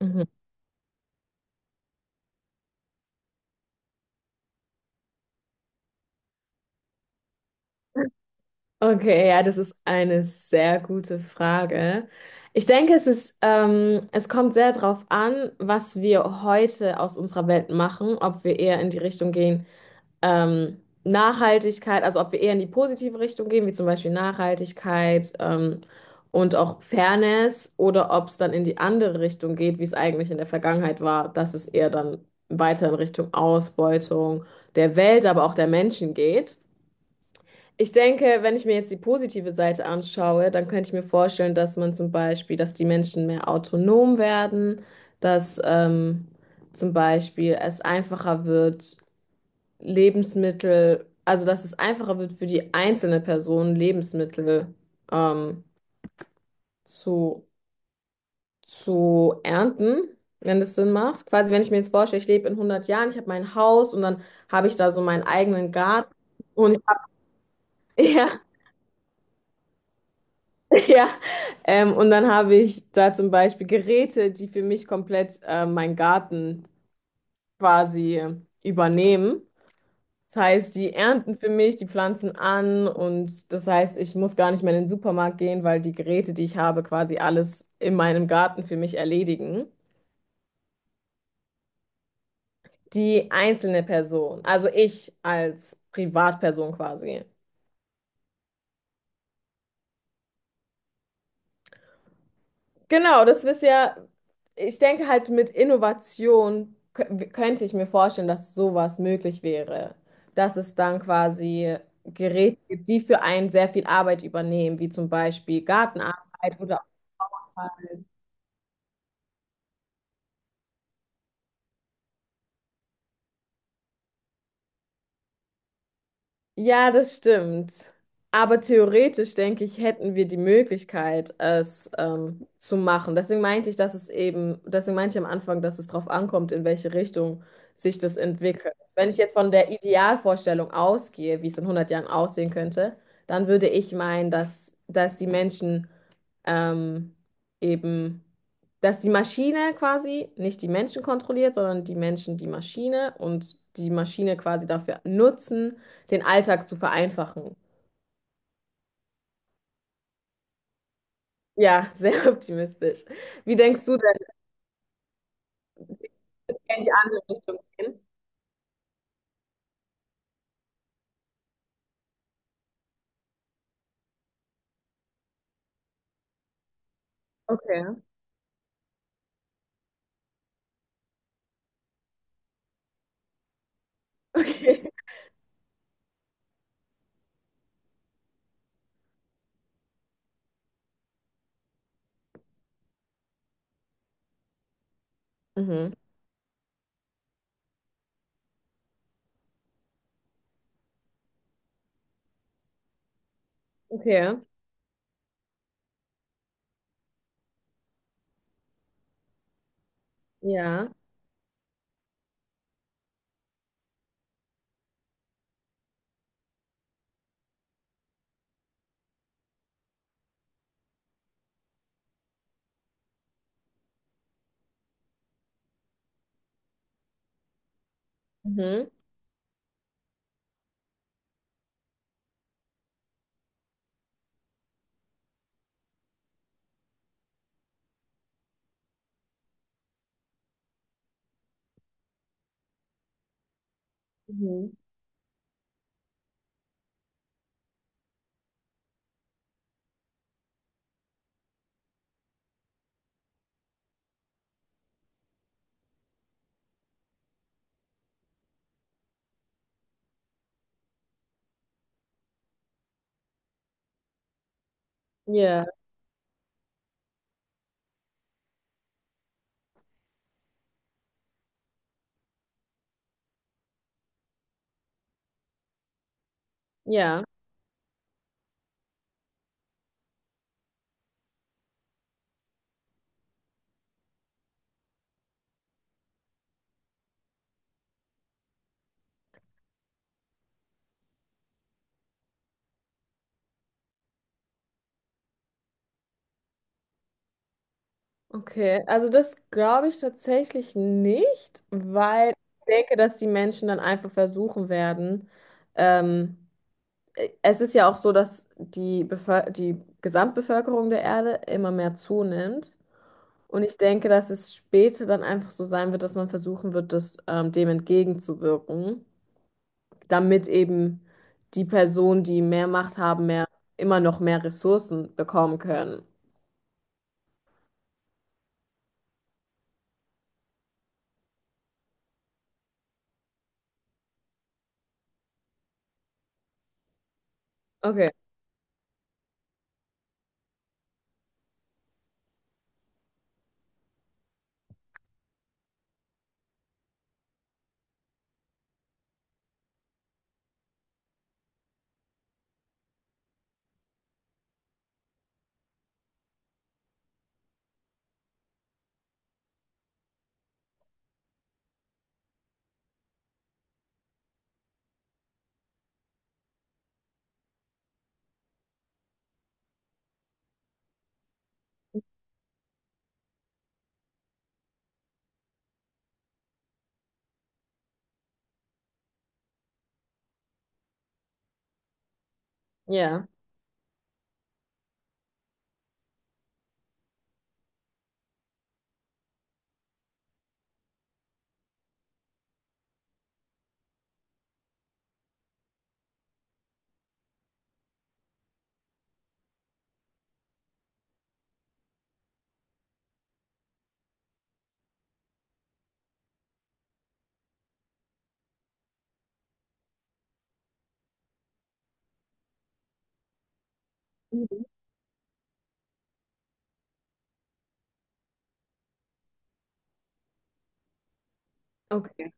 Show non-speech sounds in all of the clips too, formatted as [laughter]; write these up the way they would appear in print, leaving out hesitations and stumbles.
Mhm. Okay, ja, das ist eine sehr gute Frage. Ich denke, es ist, es kommt sehr darauf an, was wir heute aus unserer Welt machen, ob wir eher in die Richtung gehen, Nachhaltigkeit, also ob wir eher in die positive Richtung gehen, wie zum Beispiel Nachhaltigkeit, und auch Fairness, oder ob es dann in die andere Richtung geht, wie es eigentlich in der Vergangenheit war, dass es eher dann weiter in Richtung Ausbeutung der Welt, aber auch der Menschen geht. Ich denke, wenn ich mir jetzt die positive Seite anschaue, dann könnte ich mir vorstellen, dass man zum Beispiel, dass die Menschen mehr autonom werden, dass zum Beispiel es einfacher wird, Lebensmittel, also dass es einfacher wird für die einzelne Person, Lebensmittel ähm, zu, zu ernten, wenn das Sinn macht. Quasi, wenn ich mir jetzt vorstelle, ich lebe in 100 Jahren, ich habe mein Haus und dann habe ich da so meinen eigenen Garten und ich habe, [laughs] ja. [laughs] Ja, und dann habe ich da zum Beispiel Geräte, die für mich komplett meinen Garten quasi übernehmen. Das heißt, die ernten für mich, die pflanzen an und das heißt, ich muss gar nicht mehr in den Supermarkt gehen, weil die Geräte, die ich habe, quasi alles in meinem Garten für mich erledigen. Die einzelne Person, also ich als Privatperson quasi. Genau, das ist ja, ich denke halt mit Innovation könnte ich mir vorstellen, dass sowas möglich wäre. Dass es dann quasi Geräte gibt, die für einen sehr viel Arbeit übernehmen, wie zum Beispiel Gartenarbeit oder auch. Ja, das stimmt. Aber theoretisch, denke ich, hätten wir die Möglichkeit, es zu machen. Deswegen meinte ich, dass es eben, deswegen meinte ich am Anfang, dass es darauf ankommt, in welche Richtung sich das entwickelt. Wenn ich jetzt von der Idealvorstellung ausgehe, wie es in 100 Jahren aussehen könnte, dann würde ich meinen, ähm, eben, dass die Maschine quasi nicht die Menschen kontrolliert, sondern die Menschen die Maschine und die Maschine quasi dafür nutzen, den Alltag zu vereinfachen. Ja, sehr [laughs] optimistisch. Wie denkst du denn, in die andere Richtung gehen? Okay. Okay. [laughs] Mhm. Okay. Ja. Mhm. Mhm. Ja. Ja. Okay. Also das glaube ich tatsächlich nicht, weil ich denke, dass die Menschen dann einfach versuchen werden, ähm, es ist ja auch so, dass die Gesamtbevölkerung der Erde immer mehr zunimmt. Und ich denke, dass es später dann einfach so sein wird, dass man versuchen wird, dem entgegenzuwirken, damit eben die Personen, die mehr Macht haben, immer noch mehr Ressourcen bekommen können. Okay, ja. Mhm. Okay.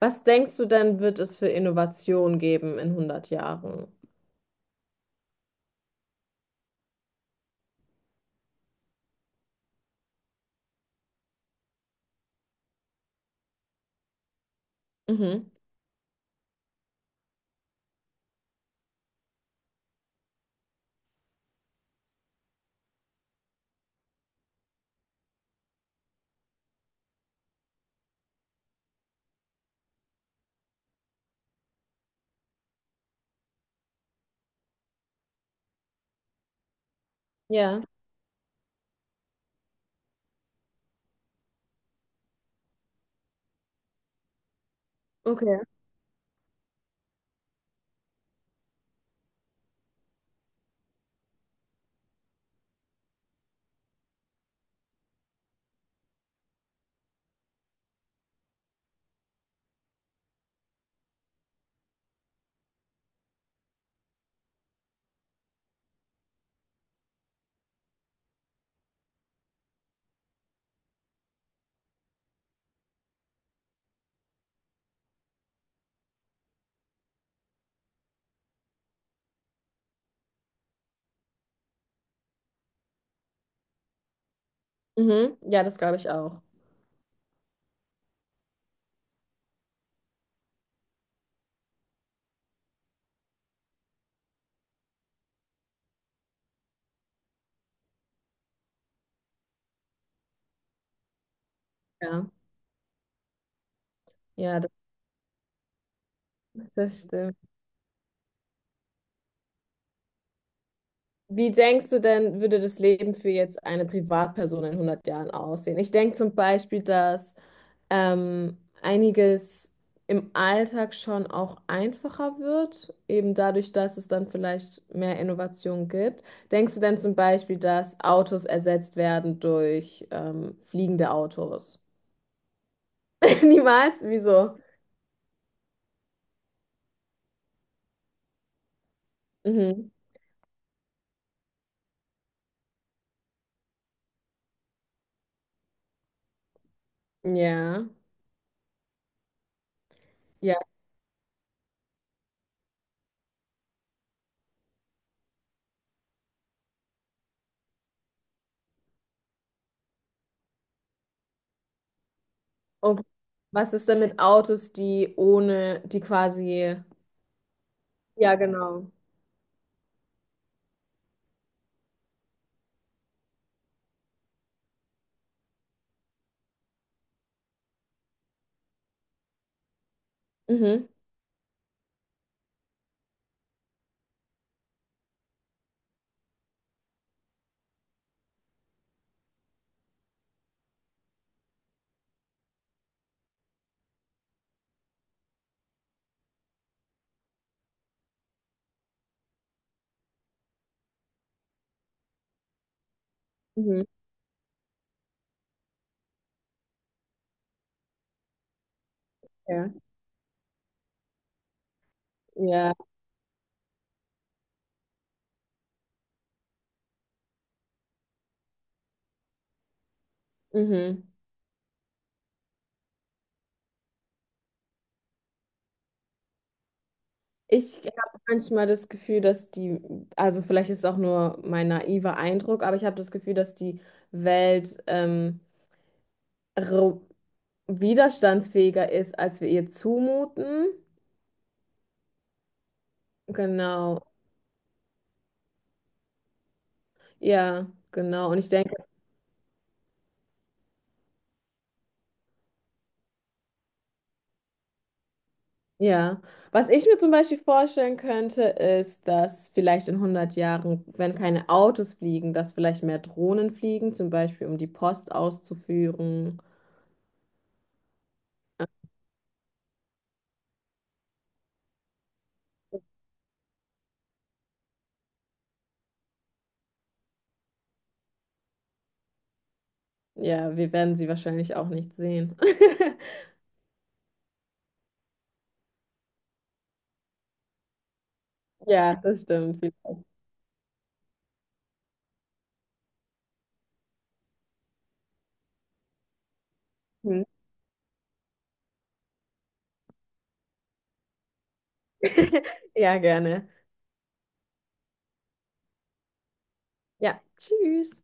Was denkst du denn, wird es für Innovation geben in 100 Jahren? Mhm. Ja, okay. Mhm. Ja, das glaube ich auch. Ja, ja, das stimmt. Wie denkst du denn, würde das Leben für jetzt eine Privatperson in 100 Jahren aussehen? Ich denke zum Beispiel, dass einiges im Alltag schon auch einfacher wird, eben dadurch, dass es dann vielleicht mehr Innovation gibt. Denkst du denn zum Beispiel, dass Autos ersetzt werden durch fliegende Autos? [laughs] Niemals? Wieso? Mhm. Ja, ja. Und was ist denn mit Autos, die ohne, die quasi... Ja, genau. Mhm. Mhm, ja, ja, mhm. Ich habe manchmal das Gefühl, also vielleicht ist es auch nur mein naiver Eindruck, aber ich habe das Gefühl, dass die Welt ro- widerstandsfähiger ist, als wir ihr zumuten. Genau, ja, genau. Und ich denke, ja, was ich mir zum Beispiel vorstellen könnte, ist, dass vielleicht in 100 Jahren, wenn keine Autos fliegen, dass vielleicht mehr Drohnen fliegen, zum Beispiel um die Post auszuführen. Ja, wir werden sie wahrscheinlich auch nicht sehen. [laughs] Ja, das stimmt. Vielleicht. Hm. Ja, gerne. Ja, tschüss.